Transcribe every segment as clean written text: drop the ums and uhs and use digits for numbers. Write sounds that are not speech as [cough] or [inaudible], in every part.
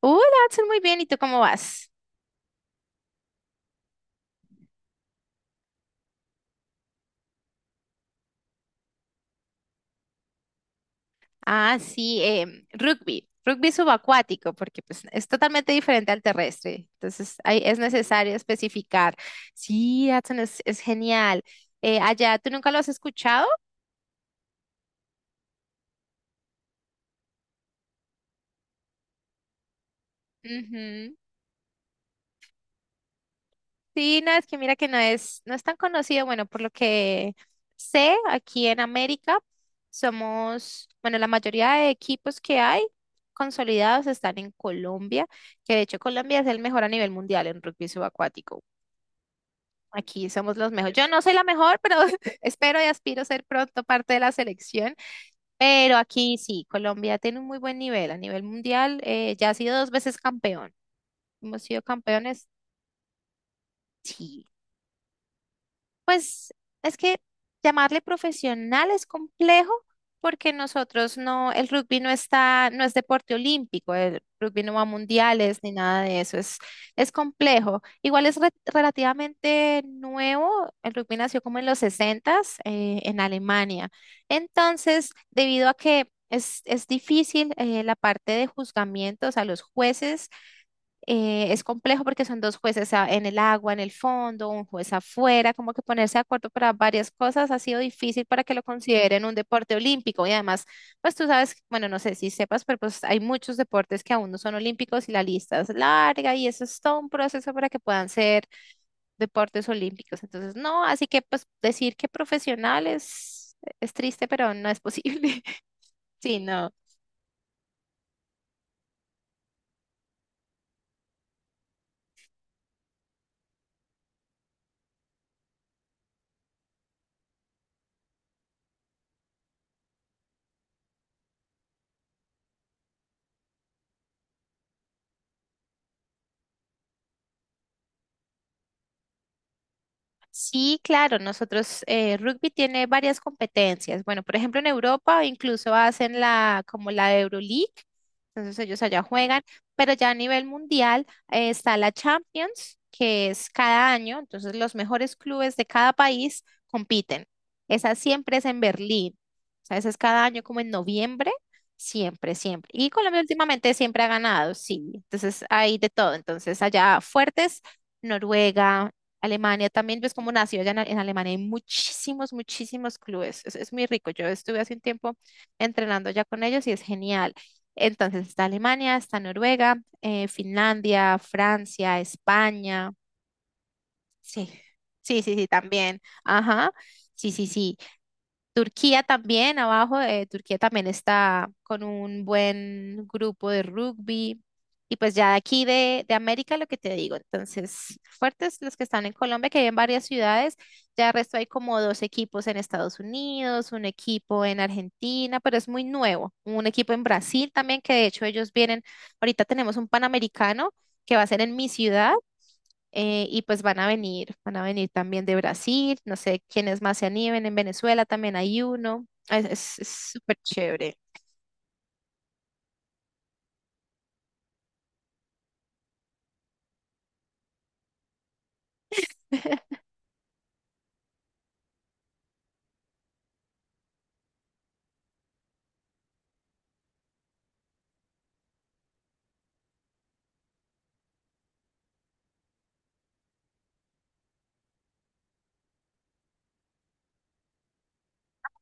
Hola, Adson, muy bien. ¿Y tú cómo vas? Ah, sí, rugby, rugby subacuático, porque pues, es totalmente diferente al terrestre. Entonces, ahí es necesario especificar. Sí, Adson, es genial. Allá, ¿tú nunca lo has escuchado? Sí, no, es que mira que no es tan conocido. Bueno, por lo que sé, aquí en América somos, bueno, la mayoría de equipos que hay consolidados están en Colombia, que de hecho Colombia es el mejor a nivel mundial en rugby subacuático. Aquí somos los mejores. Yo no soy la mejor, pero [laughs] espero y aspiro ser pronto parte de la selección. Pero aquí sí, Colombia tiene un muy buen nivel a nivel mundial. Ya ha sido dos veces campeón. Hemos sido campeones, sí. Pues es que llamarle profesional es complejo porque nosotros no, el rugby no está, no es deporte olímpico, el rugby no va a mundiales ni nada de eso, es complejo. Igual es relativamente nuevo, el rugby nació como en los sesentas en Alemania. Entonces, debido a que es difícil la parte de juzgamiento, o sea, los jueces es complejo porque son dos jueces en el agua, en el fondo, un juez afuera, como que ponerse de acuerdo para varias cosas ha sido difícil para que lo consideren un deporte olímpico. Y además, pues tú sabes, bueno, no sé si sepas, pero pues hay muchos deportes que aún no son olímpicos y la lista es larga y eso es todo un proceso para que puedan ser deportes olímpicos. Entonces, no, así que pues decir que profesionales es triste, pero no es posible. [laughs] Sí, no. Sí, claro, nosotros, rugby tiene varias competencias. Bueno, por ejemplo, en Europa incluso hacen como la Euroleague, entonces ellos allá juegan, pero ya a nivel mundial, está la Champions, que es cada año, entonces los mejores clubes de cada país compiten. Esa siempre es en Berlín, o sea, esa es cada año como en noviembre, siempre, siempre. Y Colombia últimamente siempre ha ganado, sí, entonces hay de todo, entonces allá fuertes. Noruega, Alemania también, ves cómo nació allá en Alemania, hay muchísimos, muchísimos clubes, es, muy rico, yo estuve hace un tiempo entrenando ya con ellos y es genial. Entonces está Alemania, está Noruega, Finlandia, Francia, España, sí, sí, sí, sí, también, ajá, sí, sí, sí. Turquía también, abajo, Turquía también está con un buen grupo de rugby. Y pues ya de aquí de América lo que te digo, entonces fuertes los que están en Colombia, que hay en varias ciudades, ya el resto hay como dos equipos en Estados Unidos, un equipo en Argentina, pero es muy nuevo, un equipo en Brasil también, que de hecho ellos vienen, ahorita tenemos un Panamericano que va a ser en mi ciudad y pues van a venir, también de Brasil, no sé quiénes más se animen, en Venezuela también hay uno, es súper chévere,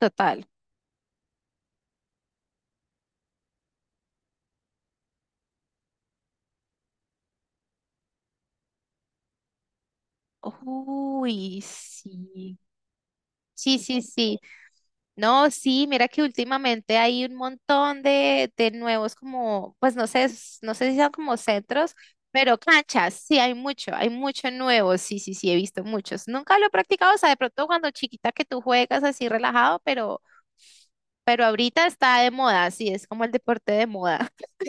total. Uy, sí. Sí, sí, sí. No, sí, mira que últimamente hay un montón de nuevos como, pues no sé, no sé si son como centros, pero canchas, sí, hay mucho nuevo, sí, sí, sí, he visto muchos. Nunca lo he practicado, o sea, de pronto cuando chiquita que tú juegas así relajado, Pero ahorita está de moda, sí, es como el deporte de moda. [laughs]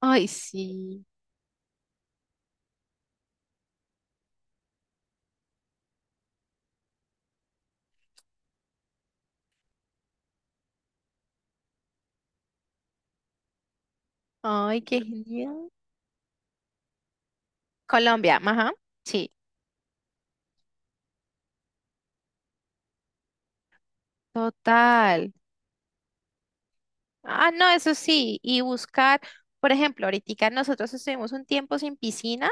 Ay, sí. Ay, qué genial. Colombia, ajá. Sí, total. Ah, no, eso sí. Y buscar, por ejemplo, ahorita nosotros estuvimos un tiempo sin piscina,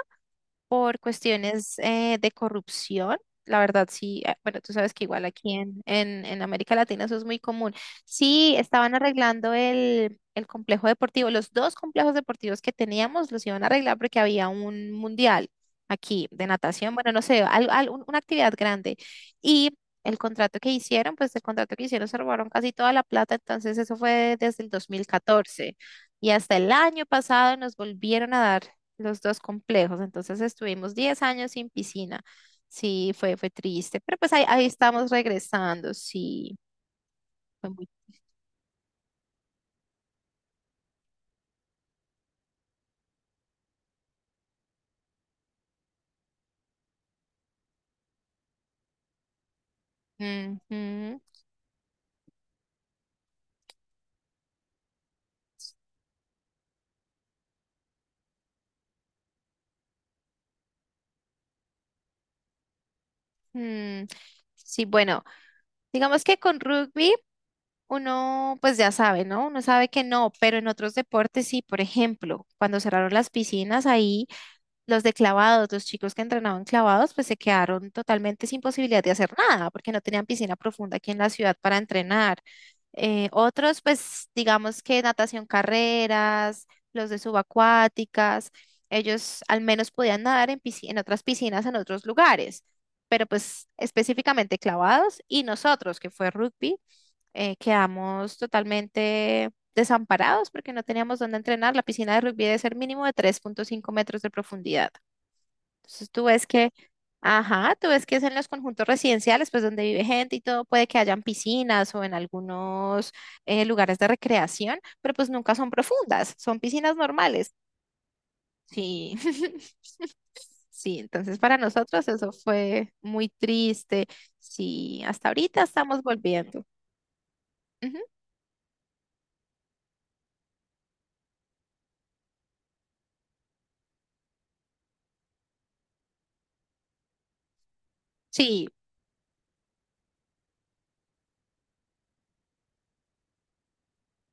por cuestiones de corrupción. La verdad, sí, bueno, tú sabes que igual aquí en América Latina eso es muy común. Sí, estaban arreglando el complejo deportivo, los dos complejos deportivos que teníamos los iban a arreglar porque había un mundial aquí de natación, bueno, no sé, una actividad grande. Y el contrato que hicieron, pues el contrato que hicieron se robaron casi toda la plata, entonces eso fue desde el 2014. Y hasta el año pasado nos volvieron a dar los dos complejos. Entonces estuvimos 10 años sin piscina. Sí, fue triste, pero pues ahí estamos regresando. Sí, fue muy. Ujú, ujú. Sí, bueno, digamos que con rugby uno pues ya sabe, ¿no? Uno sabe que no, pero en otros deportes sí, por ejemplo, cuando cerraron las piscinas ahí, los de clavados, los chicos que entrenaban clavados, pues se quedaron totalmente sin posibilidad de hacer nada porque no tenían piscina profunda aquí en la ciudad para entrenar. Otros, pues digamos que natación carreras, los de subacuáticas, ellos al menos podían nadar en otras piscinas en otros lugares, pero pues específicamente clavados y nosotros, que fue rugby, quedamos totalmente desamparados porque no teníamos dónde entrenar. La piscina de rugby debe ser mínimo de 3.5 metros de profundidad. Entonces tú ves que, ajá, tú ves que es en los conjuntos residenciales, pues donde vive gente y todo, puede que hayan piscinas o en algunos lugares de recreación, pero pues nunca son profundas, son piscinas normales. Sí, [laughs] sí, entonces para nosotros eso fue muy triste. Sí, hasta ahorita estamos volviendo. Ujú, sí,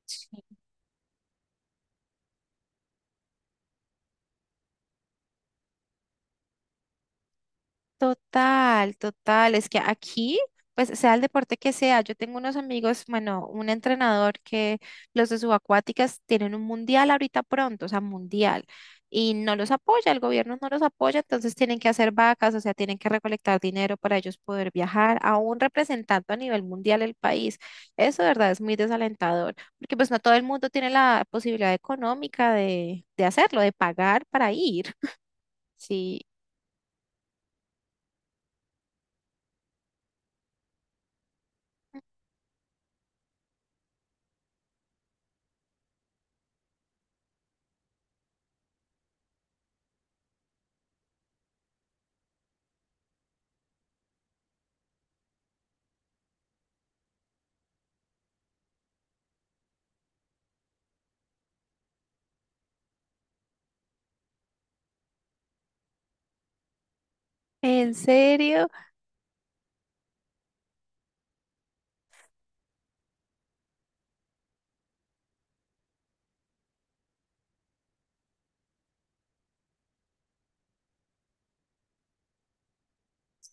sí. Total, total. Es que aquí, pues sea el deporte que sea, yo tengo unos amigos, bueno, un entrenador que los de subacuáticas tienen un mundial ahorita pronto, o sea, mundial, y no los apoya, el gobierno no los apoya, entonces tienen que hacer vacas, o sea, tienen que recolectar dinero para ellos poder viajar, aún representando a nivel mundial el país. Eso de verdad es muy desalentador, porque pues no todo el mundo tiene la posibilidad económica de hacerlo, de pagar para ir. Sí. ¿En serio?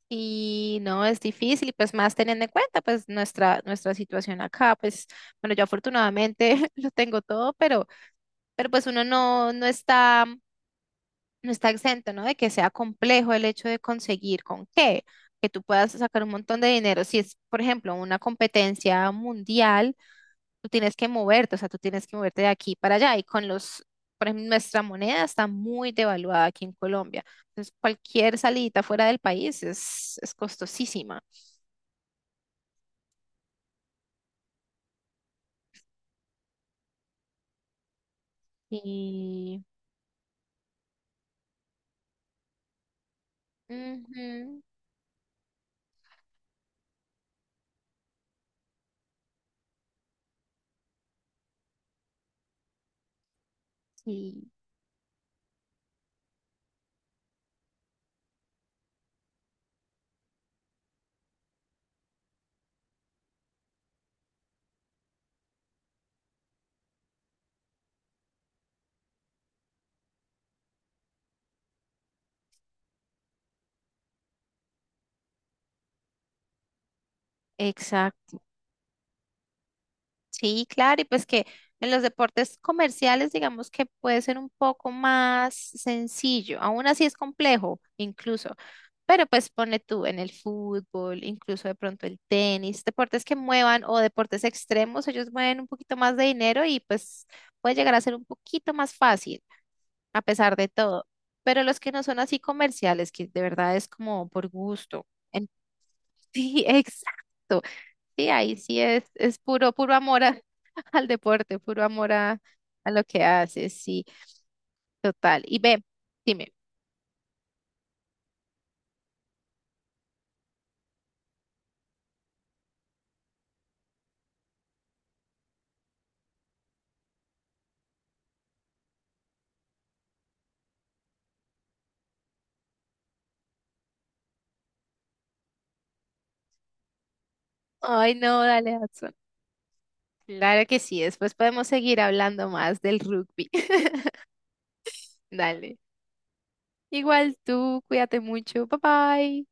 Y no, es difícil, y pues más teniendo en cuenta pues nuestra situación acá, pues bueno, yo afortunadamente [laughs] lo tengo todo, pero, pues uno no, no está exento, ¿no? De que sea complejo el hecho de conseguir con qué, que tú puedas sacar un montón de dinero. Si es, por ejemplo, una competencia mundial, tú tienes que moverte, o sea, tú tienes que moverte de aquí para allá, y con los, por ejemplo, nuestra moneda está muy devaluada aquí en Colombia, entonces cualquier salidita fuera del país es costosísima. Y Ujú. Sí, exacto. Sí, claro, y pues que en los deportes comerciales digamos que puede ser un poco más sencillo, aún así es complejo incluso, pero pues pone tú en el fútbol, incluso de pronto el tenis, deportes que muevan o deportes extremos, ellos mueven un poquito más de dinero y pues puede llegar a ser un poquito más fácil a pesar de todo, pero los que no son así comerciales, que de verdad es como por gusto. Sí, exacto. Sí, ahí sí es puro, puro amor [laughs] al deporte, puro amor a lo que haces, sí, total. Y ve, dime. Ay, no, dale, Hudson. Claro que sí, después podemos seguir hablando más del rugby. [laughs] Dale. Igual tú, cuídate mucho. Bye bye.